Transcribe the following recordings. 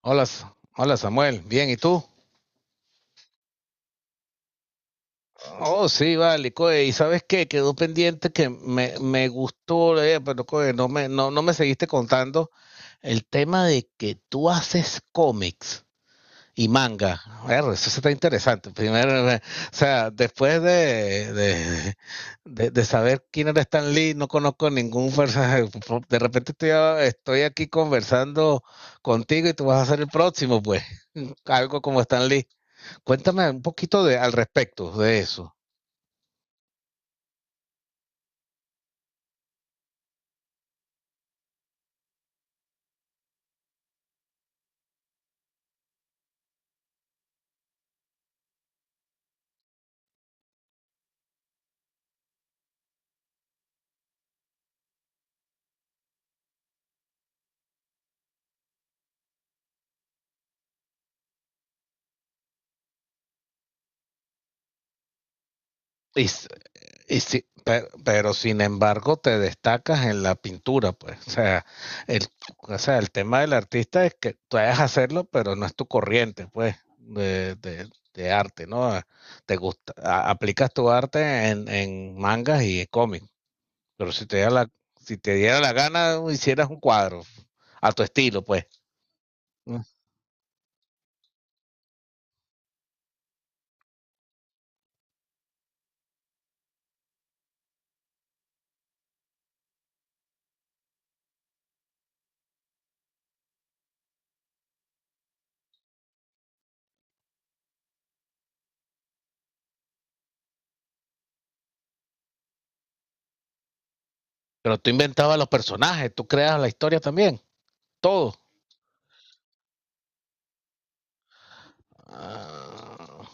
Hola, hola Samuel, bien, ¿y tú? Oh, sí, vale, coe, ¿y sabes qué? Quedó pendiente que me gustó, pero coe, no no me seguiste contando el tema de que tú haces cómics y manga. Ver, eso sí está interesante. Primero, o sea, después de saber quién era Stan Lee, no conozco ningún personaje. De repente estoy aquí conversando contigo y tú vas a ser el próximo, pues. Algo como Stan Lee. Cuéntame un poquito al respecto de eso. Y, s- pero, sin embargo te destacas en la pintura, pues. El, o sea, el tema del artista es que tú hayas hacerlo, pero no es tu corriente, pues, de arte, ¿no? Ah, te gusta, aplicas tu arte en mangas y en cómics. Pero si te diera la, si te diera la gana, hicieras un cuadro a tu estilo, pues. Mm. Pero tú inventabas los personajes, tú creas la historia también, todo. Ah,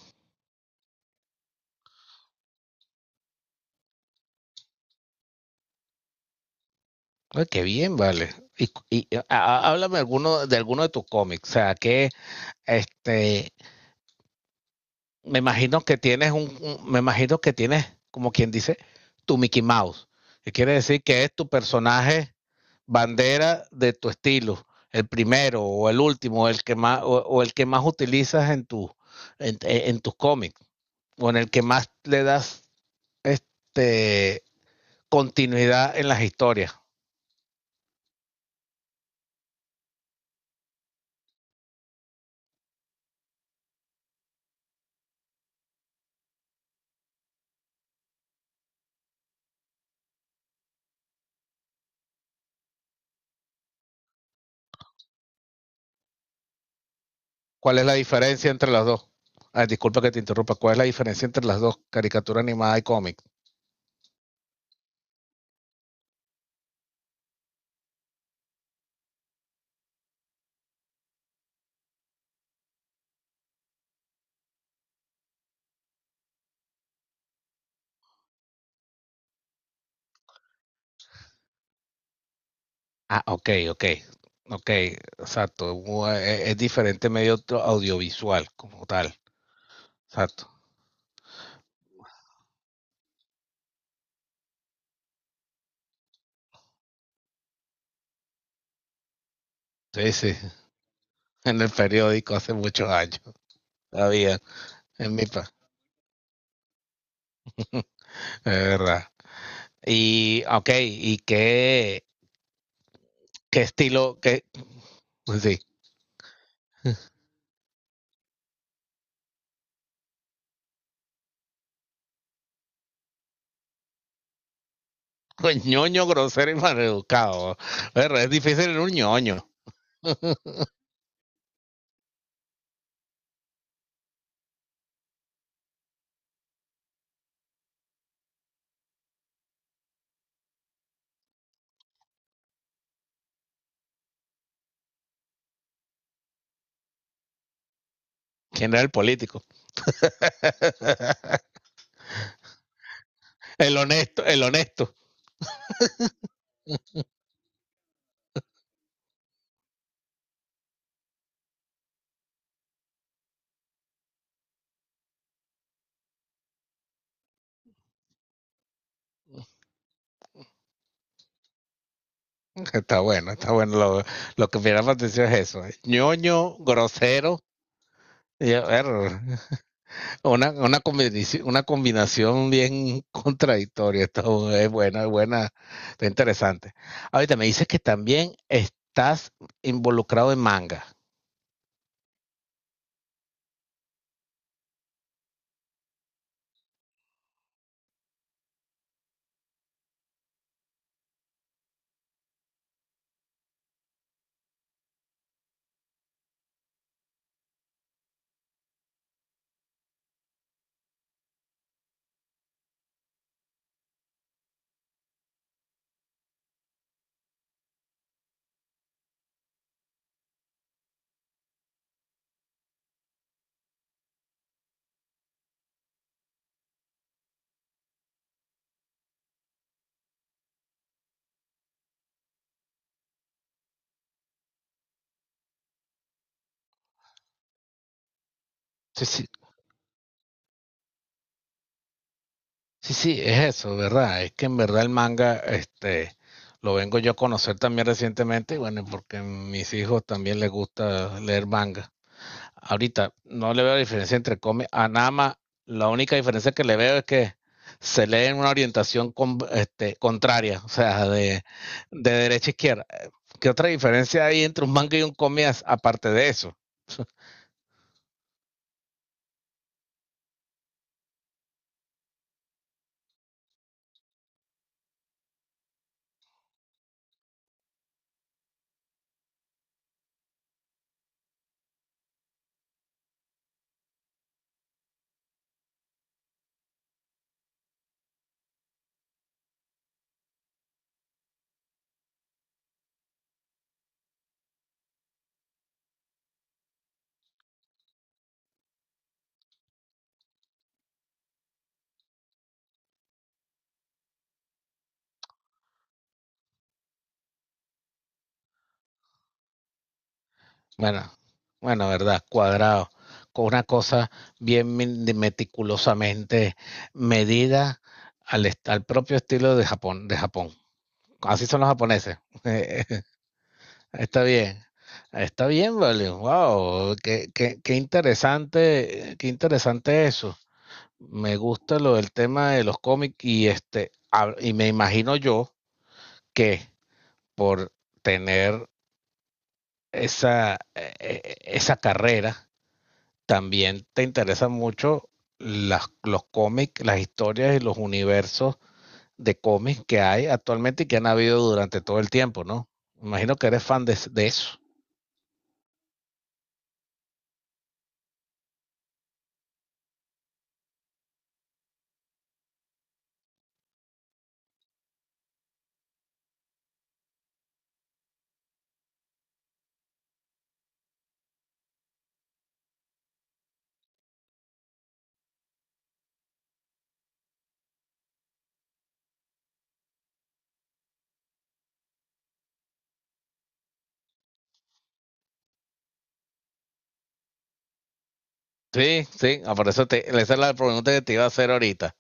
ay, qué bien, vale. Háblame alguno de tus cómics. O sea, que este, me imagino que tienes me imagino que tienes, como quien dice, tu Mickey Mouse. Que quiere decir que es tu personaje bandera de tu estilo, el primero o el último, el que más, o el que más utilizas en tu, en tus cómics, o en el que más le das este continuidad en las historias. ¿Cuál es la diferencia entre las dos? Ah, disculpa que te interrumpa. ¿Cuál es la diferencia entre las dos, caricatura animada y cómic? Ah, ok, ok, ok, exacto. Es, diferente medio audiovisual como tal, exacto. Sí, sí, en el periódico hace muchos años, todavía, en mi pa, es verdad. ¿Y qué estilo, qué. Sí. Pues ñoño, grosero y maleducado. Pero es difícil en un ñoño. ¿Quién era el político? El honesto, el honesto. Está bueno, está bueno. Lo que me llama la atención es eso. Eh, ñoño, grosero. y- er, Una, combinación, una combinación bien contradictoria. Esto es buena, está interesante. Ahorita me dices que también estás involucrado en manga. Sí, sí, sí, sí, es eso, ¿verdad? Es que en verdad el manga, lo vengo yo a conocer también recientemente, y bueno, porque a mis hijos también les gusta leer manga. Ahorita no le veo diferencia entre Come a Nama. La única diferencia que le veo es que se lee en una orientación con, contraria, o sea, derecha a izquierda. ¿Qué otra diferencia hay entre un manga y un cómic aparte de eso? Bueno, bueno, verdad, cuadrado, con una cosa bien meticulosamente medida al, al propio estilo de Japón, de Japón. Así son los japoneses. Eh, Está bien, está bien, vale. Wow, qué interesante eso. Me gusta lo del tema de los cómics y y me imagino yo que por tener esa, esa carrera, también te interesan mucho los cómics, las historias y los universos de cómics que hay actualmente y que han habido durante todo el tiempo, ¿no? Imagino que eres fan de eso. Sí, sí, ah, por eso te, esa es la pregunta que te iba a hacer ahorita.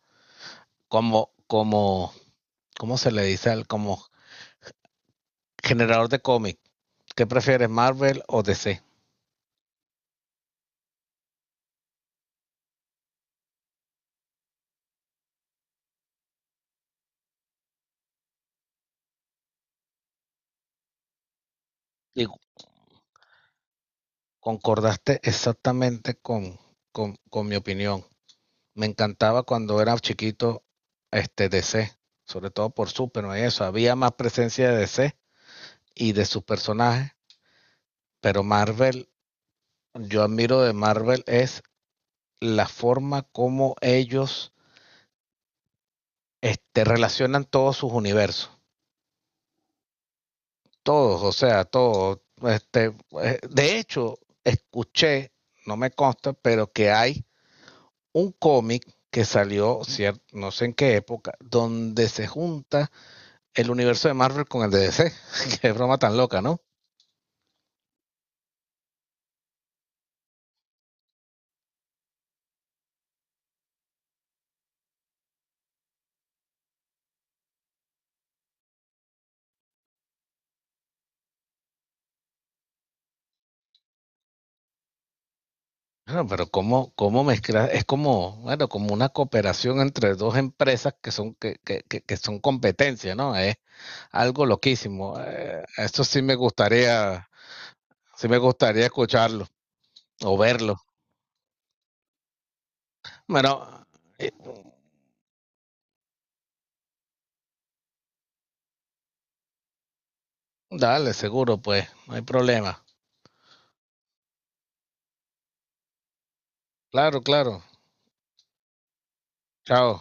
Como, como, ¿Cómo se le dice al como generador de cómic? ¿Qué prefieres, Marvel o DC? Y concordaste exactamente con mi opinión. Me encantaba cuando era chiquito este DC, sobre todo por Superman y eso. Había más presencia de DC y de sus personajes, pero Marvel, yo admiro de Marvel es la forma como ellos relacionan todos sus universos. Todos, o sea, todos. De hecho, escuché, no me consta, pero que hay un cómic que salió, no sé en qué época, donde se junta el universo de Marvel con el de DC. Qué broma tan loca, ¿no? Bueno, pero cómo, cómo mezclar, es como, bueno, como una cooperación entre dos empresas que son, que son competencia, ¿no? Es algo loquísimo. Esto sí me gustaría, sí me gustaría escucharlo o verlo. Bueno, eh, dale, seguro, pues, no hay problema. Claro, claro. Chao.